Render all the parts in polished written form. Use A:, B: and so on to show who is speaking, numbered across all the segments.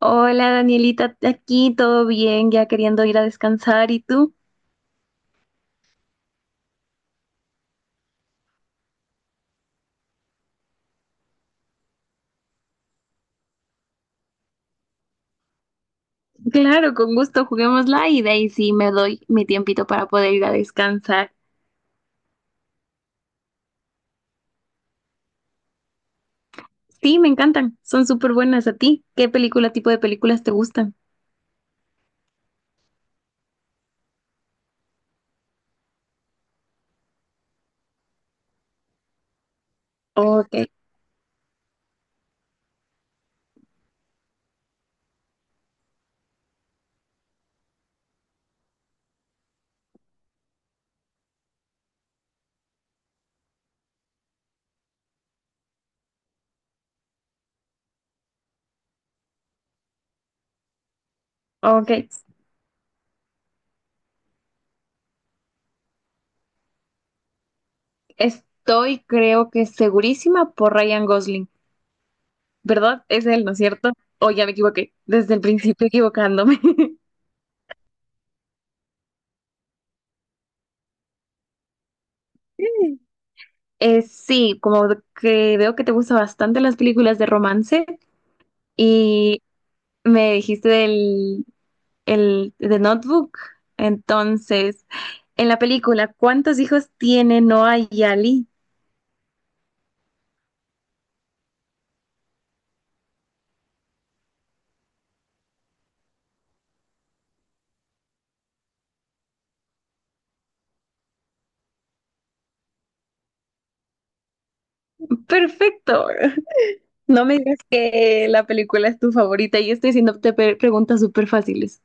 A: Hola Danielita, aquí todo bien, ya queriendo ir a descansar. ¿Y tú? Claro, con gusto, juguémosla y de ahí sí me doy mi tiempito para poder ir a descansar. Sí, me encantan, son súper buenas a ti. ¿Qué película, tipo de películas te gustan? Ok, ok. Creo que segurísima por Ryan Gosling, ¿verdad? Es él, ¿no es cierto? O ya me equivoqué, desde el principio equivocándome. Sí, como que veo que te gustan bastante las películas de romance. Y me dijiste del el, de Notebook. Entonces, en la película, ¿cuántos hijos tiene Noah y Ali? Perfecto. No me digas que la película es tu favorita. Yo estoy haciéndote preguntas súper fáciles.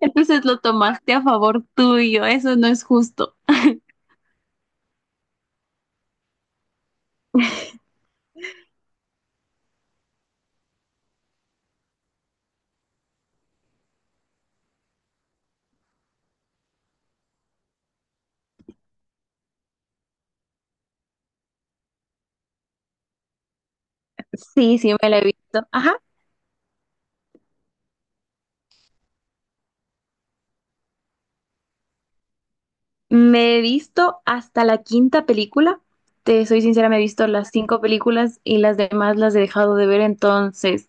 A: Entonces lo tomaste a favor tuyo. Eso no es justo. Sí, sí, me la he visto. Ajá. Me he visto hasta la quinta película. Te soy sincera, me he visto las cinco películas y las demás las he dejado de ver. Entonces,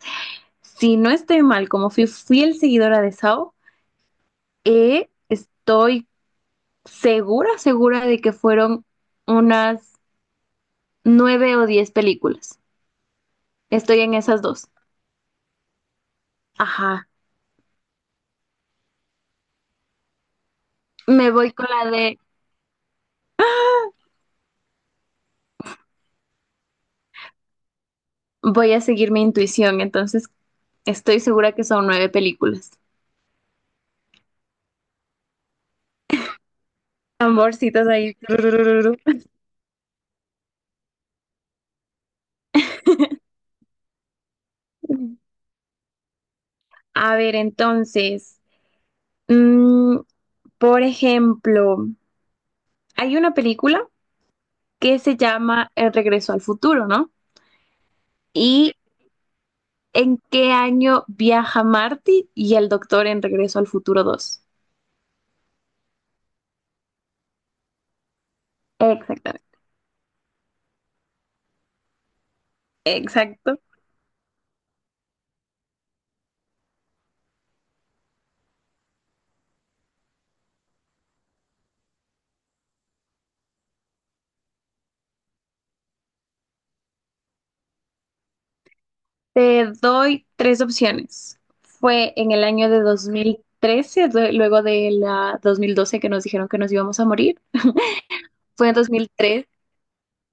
A: si no estoy mal, como fui fiel seguidora de Sao, estoy segura, segura de que fueron unas 9 o 10 películas. Estoy en esas dos. Ajá. Me voy con la de voy a seguir mi intuición, entonces estoy segura que son nueve películas. Amorcitos ahí. Tururururu. A ver, entonces, mm, por ejemplo, hay una película que se llama El regreso al futuro, ¿no? Y ¿en qué año viaja Marty y el doctor en Regreso al Futuro dos? Exactamente. Exacto. Te doy tres opciones. Fue en el año de 2013, luego de la 2012 que nos dijeron que nos íbamos a morir. Fue en 2003,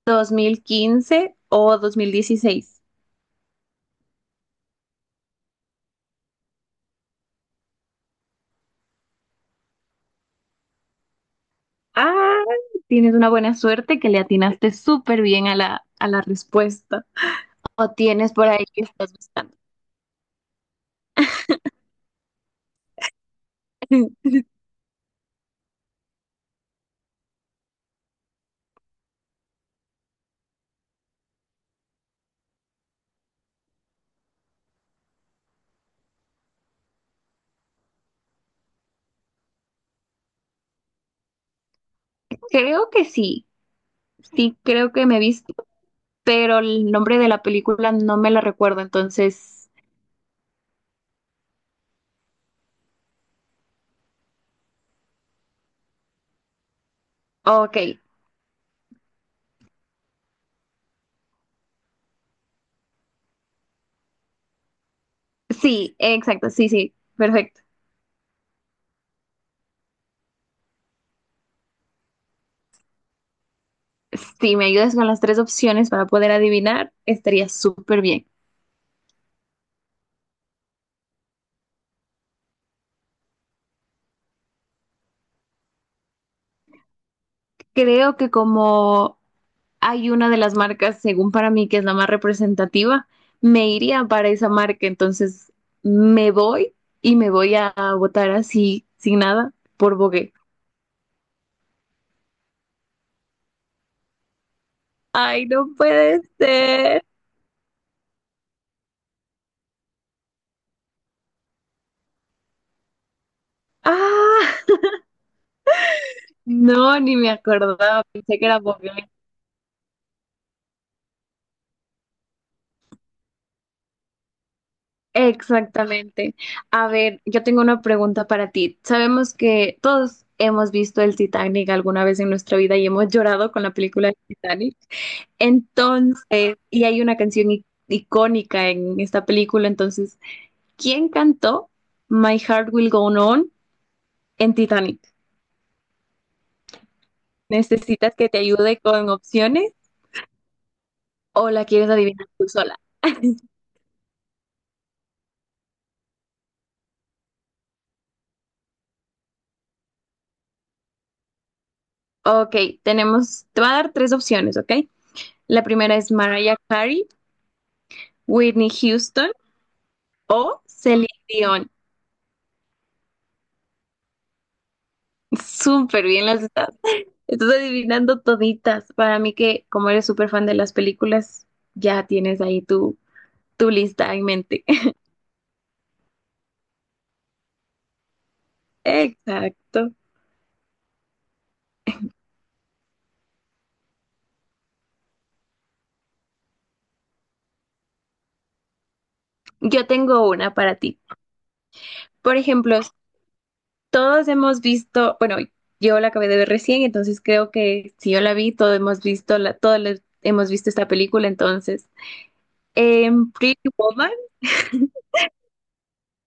A: 2015 o 2016. Ah, tienes una buena suerte que le atinaste súper bien a la respuesta. O tienes por ahí que estás buscando. Creo que sí. Sí, creo que me he visto pero el nombre de la película no me la recuerdo, entonces, ok, sí, exacto, sí, sí, perfecto. Si me ayudas con las tres opciones para poder adivinar, estaría súper bien. Creo que como hay una de las marcas, según para mí, que es la más representativa, me iría para esa marca, entonces me voy y me voy a votar así, sin nada, por Bogué. Ay, no puede ser. Ah, no, ni me acordaba, pensé que era Bogué. Exactamente. A ver, yo tengo una pregunta para ti. Sabemos que todos hemos visto el Titanic alguna vez en nuestra vida y hemos llorado con la película del Titanic. Entonces, y hay una canción icónica en esta película, entonces, ¿quién cantó My Heart Will Go On en Titanic? ¿Necesitas que te ayude con opciones o la quieres adivinar tú sola? Ok, tenemos, te voy a dar tres opciones, ¿ok? La primera es Mariah Carey, Whitney Houston o Celine Dion. Súper bien las estás. Estás adivinando toditas. Para mí que como eres súper fan de las películas, ya tienes ahí tu lista en mente. Exacto. Yo tengo una para ti. Por ejemplo, todos hemos visto, bueno, yo la acabé de ver recién, entonces creo que si yo la vi, todos hemos visto la, todos hemos visto esta película, entonces. En Pretty Woman,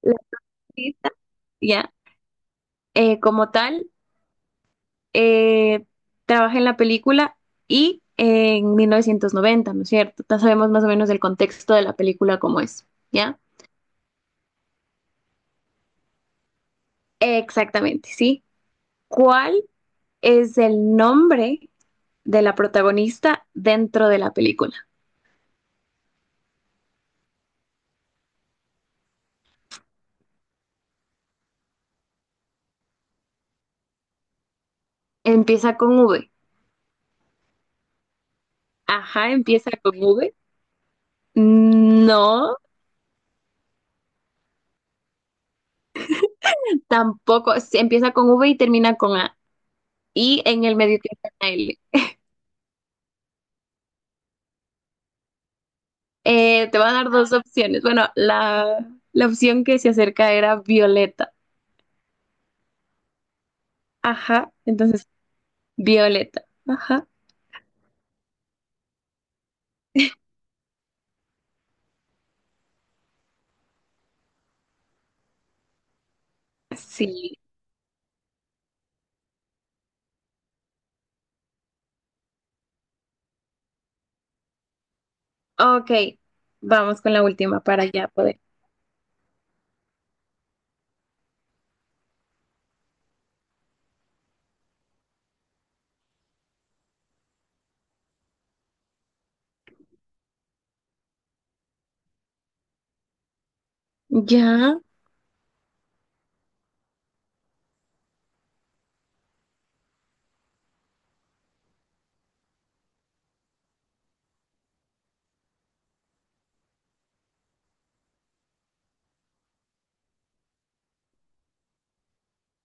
A: la artista, ya, como tal. eh, trabaja en la película y en 1990, ¿no es cierto? Ya sabemos más o menos el contexto de la película como es, ¿ya? Exactamente, sí. ¿Cuál es el nombre de la protagonista dentro de la película? Empieza con V. Ajá, empieza con V. No, tampoco. Sí, empieza con V y termina con A. Y en el medio tiene una L. Te va a dar dos opciones. Bueno, la opción que se acerca era Violeta. Ajá, entonces violeta. Ajá, sí. Ok, vamos con la última para ya poder. Ya,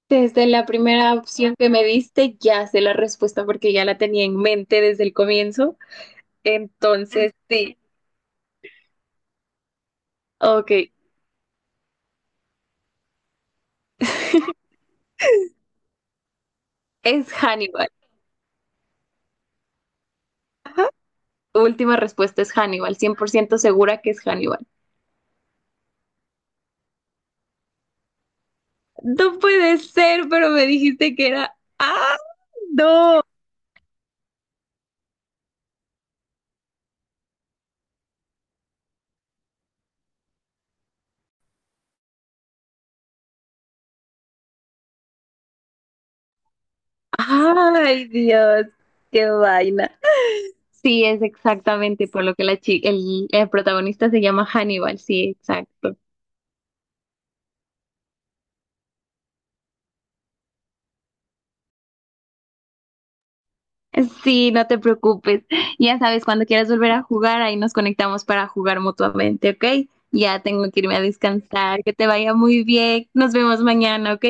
A: desde la primera opción que me diste, ya sé la respuesta porque ya la tenía en mente desde el comienzo. Entonces, sí. Ok, es Hannibal. Última respuesta es Hannibal, 100% segura que es Hannibal. No puede ser, pero me dijiste que era... ¡Ah, no! ¡Ay, Dios! ¡Qué vaina! Sí, es exactamente por lo que la el protagonista se llama Hannibal, sí, exacto. Sí, no te preocupes. Ya sabes, cuando quieras volver a jugar, ahí nos conectamos para jugar mutuamente, ¿ok? Ya tengo que irme a descansar, que te vaya muy bien. Nos vemos mañana, ¿ok?